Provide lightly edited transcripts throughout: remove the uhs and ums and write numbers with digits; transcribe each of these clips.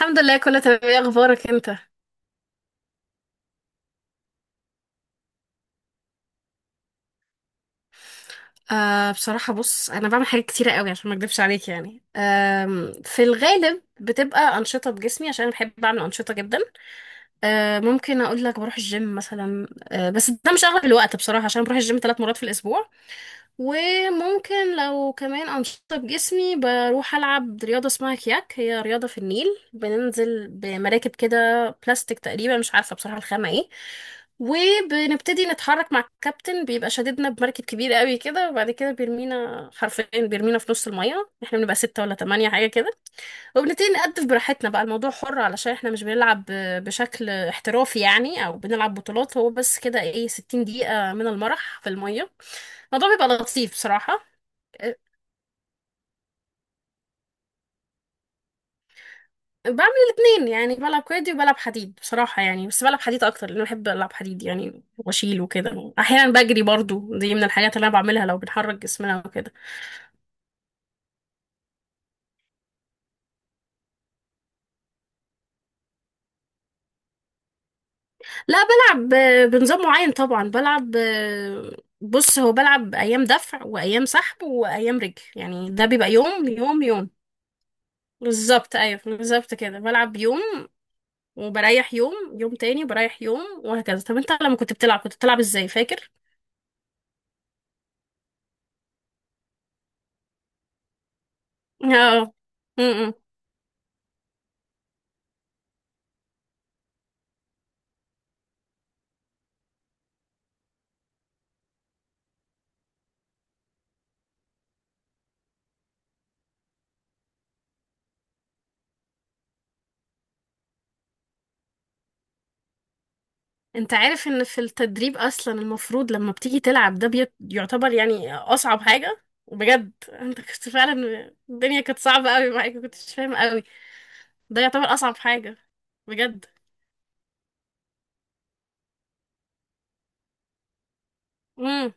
الحمد لله كله تمام. ايه اخبارك انت؟ بصراحة بص انا بعمل حاجات كتيرة قوي عشان ما اكدبش عليك يعني، في الغالب بتبقى انشطة بجسمي عشان أنا بحب اعمل انشطة جدا. ممكن اقول لك بروح الجيم مثلا. بس ده مش اغلب الوقت بصراحة، عشان بروح الجيم 3 مرات في الاسبوع. وممكن لو كمان انشطة بجسمي، بروح العب رياضة اسمها كياك، هي رياضة في النيل. بننزل بمراكب كده بلاستيك تقريبا، مش عارفة بصراحة الخامة ايه، وبنبتدي نتحرك مع الكابتن، بيبقى شاددنا بمركب كبير قوي كده، وبعد كده بيرمينا، حرفيا بيرمينا في نص المية، احنا بنبقى 6 ولا 8 حاجة كده، وبنبتدي نقدف براحتنا بقى الموضوع حر، علشان احنا مش بنلعب بشكل احترافي يعني او بنلعب بطولات، هو بس كده ايه، 60 دقيقة من المرح في المية. الموضوع بيبقى لطيف بصراحة. أه، بعمل الاتنين، يعني بلعب كويدي وبلعب حديد بصراحة، يعني بس بلعب حديد أكتر لأن بحب ألعب حديد يعني وأشيل وكده. أحيانا بجري برضو، دي من الحاجات اللي أنا بعملها لو بنحرك جسمنا وكده. لا بلعب بنظام معين طبعا، بلعب بص، هو بلعب ايام دفع وايام سحب وايام رجل، يعني ده بيبقى يوم يوم يوم. بالظبط، ايوه بالظبط كده، بلعب يوم وبريح يوم، يوم تاني بريح يوم وهكذا. طب انت لما كنت بتلعب كنت بتلعب ازاي فاكر؟ اه. امم. انت عارف ان في التدريب اصلا المفروض لما بتيجي تلعب ده يعتبر يعني اصعب حاجة. بجد انت كنت فعلا، الدنيا كانت صعبة قوي معاك، كنتش فاهم قوي، ده يعتبر اصعب حاجة بجد. امم.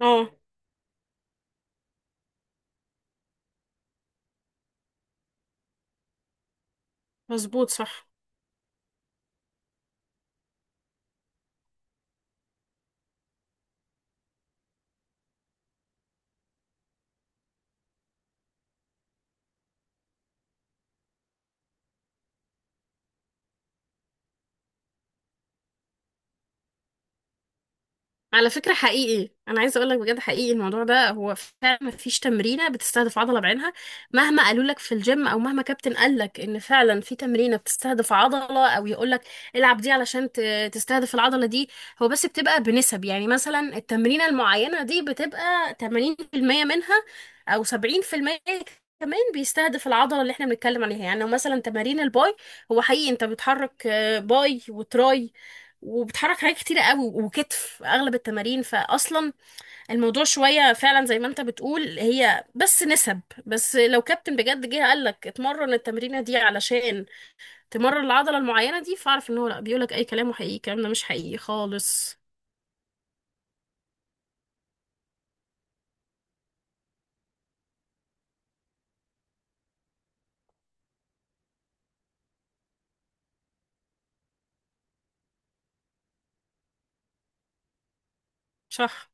اه مظبوط صح. على فكرة حقيقي أنا عايزة أقولك بجد، حقيقي الموضوع ده هو فعلا مفيش تمرينة بتستهدف عضلة بعينها، مهما قالوا لك في الجيم أو مهما كابتن قال لك إن فعلا في تمرينة بتستهدف عضلة، أو يقول لك العب دي علشان تستهدف العضلة دي. هو بس بتبقى بنسب، يعني مثلا التمرينة المعينة دي بتبقى 80% منها أو 70% كمان بيستهدف العضلة اللي احنا بنتكلم عليها، يعني لو مثلا تمارين الباي، هو حقيقي انت بتحرك باي وتراي وبتحرك حاجات كتيرة قوي وكتف اغلب التمارين، فاصلا الموضوع شوية فعلا زي ما انت بتقول، هي بس نسب. بس لو كابتن بجد جه قال لك اتمرن التمرينة دي علشان تمرن العضلة المعينة دي، فاعرف ان هو لا، بيقول لك اي كلام وحقيقي الكلام ده مش حقيقي خالص. صح.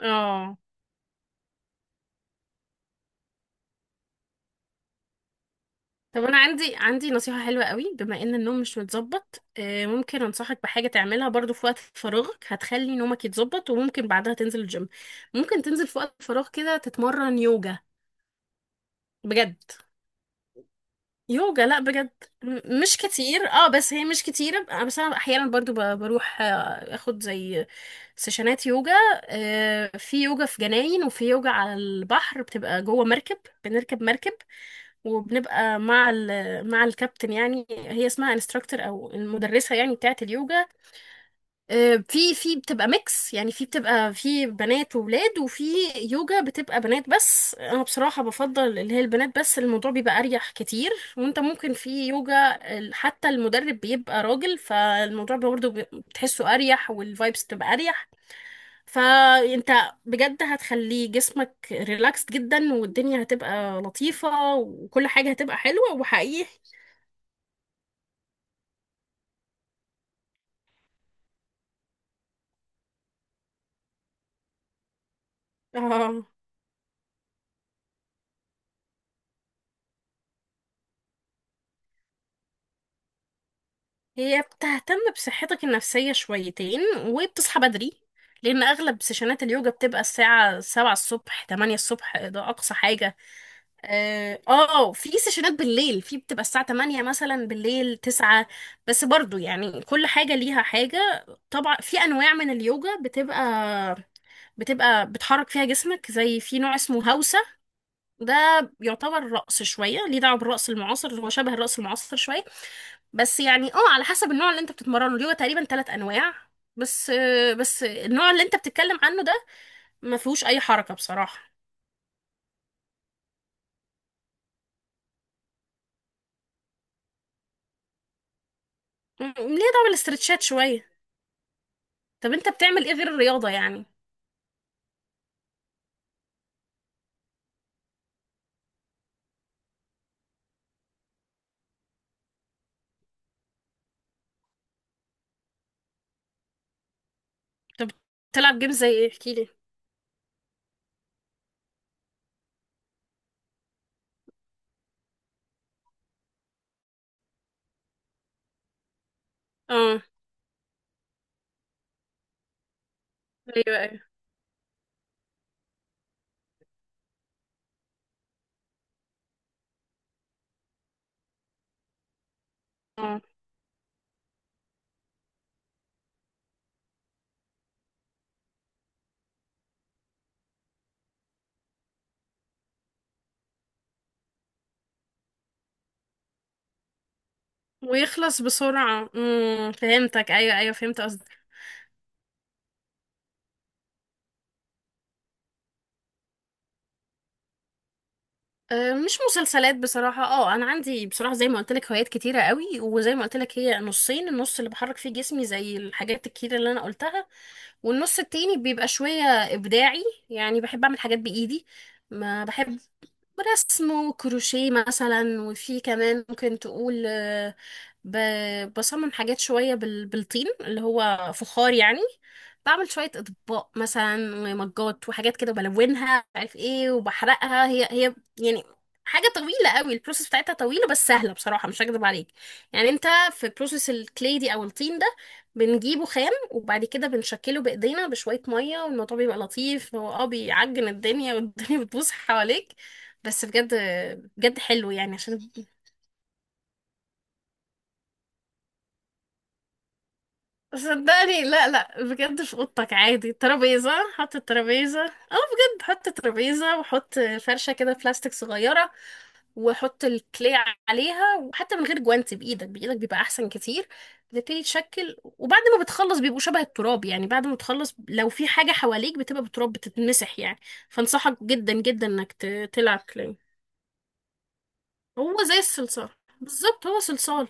اه طب انا عندي نصيحة حلوة قوي، بما ان النوم مش متظبط، ممكن انصحك بحاجة تعملها برضو في وقت فراغك، هتخلي نومك يتظبط وممكن بعدها تنزل الجيم. ممكن تنزل في وقت فراغ كده تتمرن يوجا. بجد يوجا، لا بجد. مش كتير اه، بس هي مش كتيرة، بس انا احيانا برضو بروح اخد زي سيشنات يوجا. في يوجا في جناين وفي يوجا على البحر بتبقى جوه مركب، بنركب مركب وبنبقى مع مع الكابتن، يعني هي اسمها انستراكتور او المدرسة يعني بتاعة اليوجا. في بتبقى ميكس، يعني في بتبقى في بنات وولاد، وفي يوجا بتبقى بنات بس. انا بصراحة بفضل اللي هي البنات بس، الموضوع بيبقى اريح كتير. وانت ممكن في يوجا حتى المدرب بيبقى راجل، فالموضوع برضه بتحسه اريح والفايبس بتبقى اريح. فانت بجد هتخلي جسمك ريلاكسد جدا، والدنيا هتبقى لطيفة وكل حاجة هتبقى حلوة وحقيقي. اه هي بتهتم بصحتك النفسية شويتين، وبتصحى بدري، لأن أغلب سيشنات اليوجا بتبقى الساعة سبعة الصبح تمانية الصبح ده أقصى حاجة. اه في سيشنات بالليل، في بتبقى الساعة تمانية مثلا بالليل تسعة، بس برضو يعني كل حاجة ليها حاجة. طبعا في أنواع من اليوجا بتبقى بتحرك فيها جسمك، زي في نوع اسمه هوسة، ده يعتبر رقص شوية، ليه دعوة بالرقص المعاصر، هو شبه الرقص المعاصر شوية. بس يعني اه على حسب النوع اللي انت بتتمرنه ليه، هو تقريبا 3 انواع بس. بس النوع اللي انت بتتكلم عنه ده ما فيهوش اي حركة بصراحة. ليه دعوة بالاسترتشات شوية. طب انت بتعمل ايه غير الرياضة يعني؟ طب بتلعب جيم زي ايه احكي لي. اه ايوه ايوه. اه ويخلص بسرعة. فهمتك، ايوه ايوه فهمت. مش مسلسلات بصراحة، اه انا عندي بصراحة زي ما قلت لك هوايات كتيرة قوي، وزي ما قلت لك هي نصين، النص اللي بحرك فيه جسمي زي الحاجات الكتيرة اللي انا قلتها، والنص التاني بيبقى شوية ابداعي، يعني بحب اعمل حاجات بايدي. ما بحبش رسم وكروشيه مثلا، وفي كمان ممكن تقول بصمم حاجات شوية بالطين اللي هو فخار يعني، بعمل شوية أطباق مثلا ومجات وحاجات كده بلونها مش عارف ايه وبحرقها هي هي يعني. حاجة طويلة قوي البروسيس بتاعتها، طويلة بس سهلة بصراحة مش هكدب عليك. يعني انت في بروسيس الكلي دي او الطين ده، بنجيبه خام وبعد كده بنشكله بإيدينا بشوية مية، والموضوع بيبقى لطيف. هو اه بيعجن الدنيا والدنيا بتبوظ حواليك، بس بجد بجد حلو يعني عشان. صدقني لا لا، بجد في اوضتك عادي ترابيزة، حط الترابيزة، اه بجد حط ترابيزة وحط فرشة كده بلاستيك صغيرة وحط الكلي عليها، وحتى من غير جوانت، بإيدك بإيدك بيبقى أحسن كتير. بتبتدي تشكل، وبعد ما بتخلص بيبقوا شبه التراب يعني، بعد ما تخلص لو في حاجة حواليك بتبقى بتراب بتتمسح يعني. فانصحك جدا جدا انك تلعب كلي. هو زي الصلصال، بالظبط هو صلصال.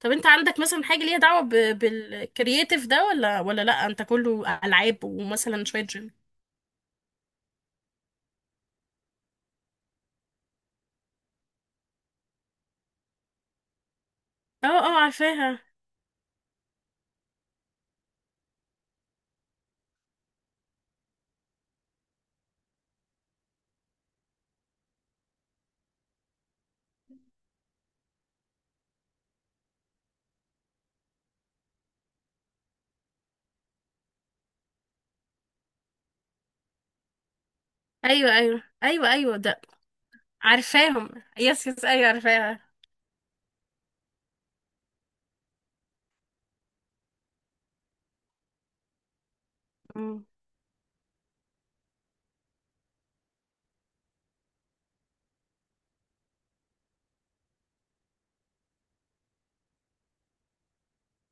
طب انت عندك مثلا حاجة ليها دعوة بالكرياتيف ده ولا، لا انت كله ألعاب ومثلا شوية جيم؟ اه اه عارفاها. ايوه ايوه ايوه ايوه ده. عارفاهم، يس يس ايوه عارفاها. مم.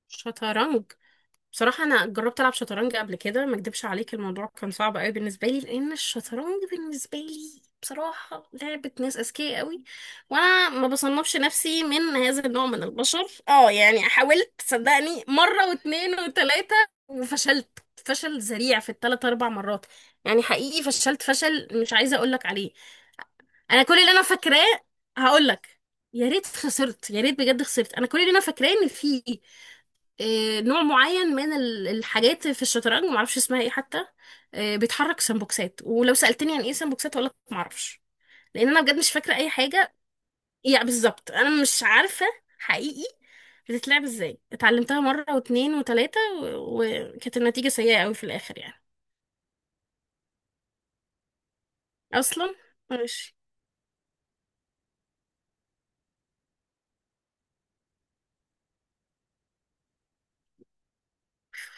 شطرنج. بصراحة أنا جربت ألعب شطرنج قبل كده، ما أكدبش عليك الموضوع كان صعب أوي بالنسبة لي، لأن الشطرنج بالنسبة لي بصراحة لعبة ناس أذكياء أوي، وأنا ما بصنفش نفسي من هذا النوع من البشر. أه يعني حاولت صدقني مرة واتنين وتلاتة وفشلت فشل ذريع في التلات أربع مرات، يعني حقيقي فشلت فشل مش عايزة أقولك عليه. انا كل اللي انا فاكراه هقول لك، يا ريت خسرت، يا ريت بجد خسرت. انا كل اللي انا فاكراه ان في نوع معين من الحاجات في الشطرنج ما اعرفش اسمها ايه حتى، بيتحرك سمبوكسات، ولو سالتني عن ايه سمبوكسات هقول لك ما اعرفش. لان انا بجد مش فاكره اي حاجه، يعني بالظبط انا مش عارفه حقيقي بتتلعب ازاي. اتعلمتها مره واتنين وتلاته وكانت النتيجه سيئه قوي في الاخر يعني. اصلا ماشي.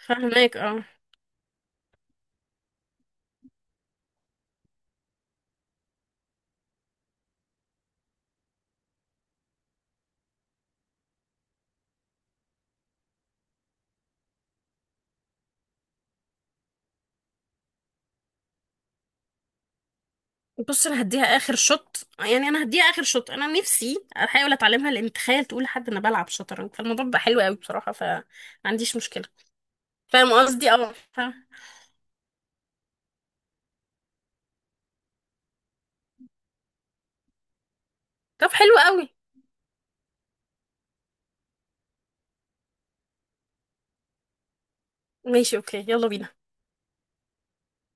فاهمك اه. بص انا هديها اخر شوت، يعني انا هديها اخر شوت، انا نفسي احاول اتعلمها، لان تخيل تقول لحد انا بلعب شطرنج، فالموضوع بقى حلو قوي بصراحه فما عنديش مشكله. فاهم قصدي اه. طب حلو قوي. ماشي اوكي يلا بينا.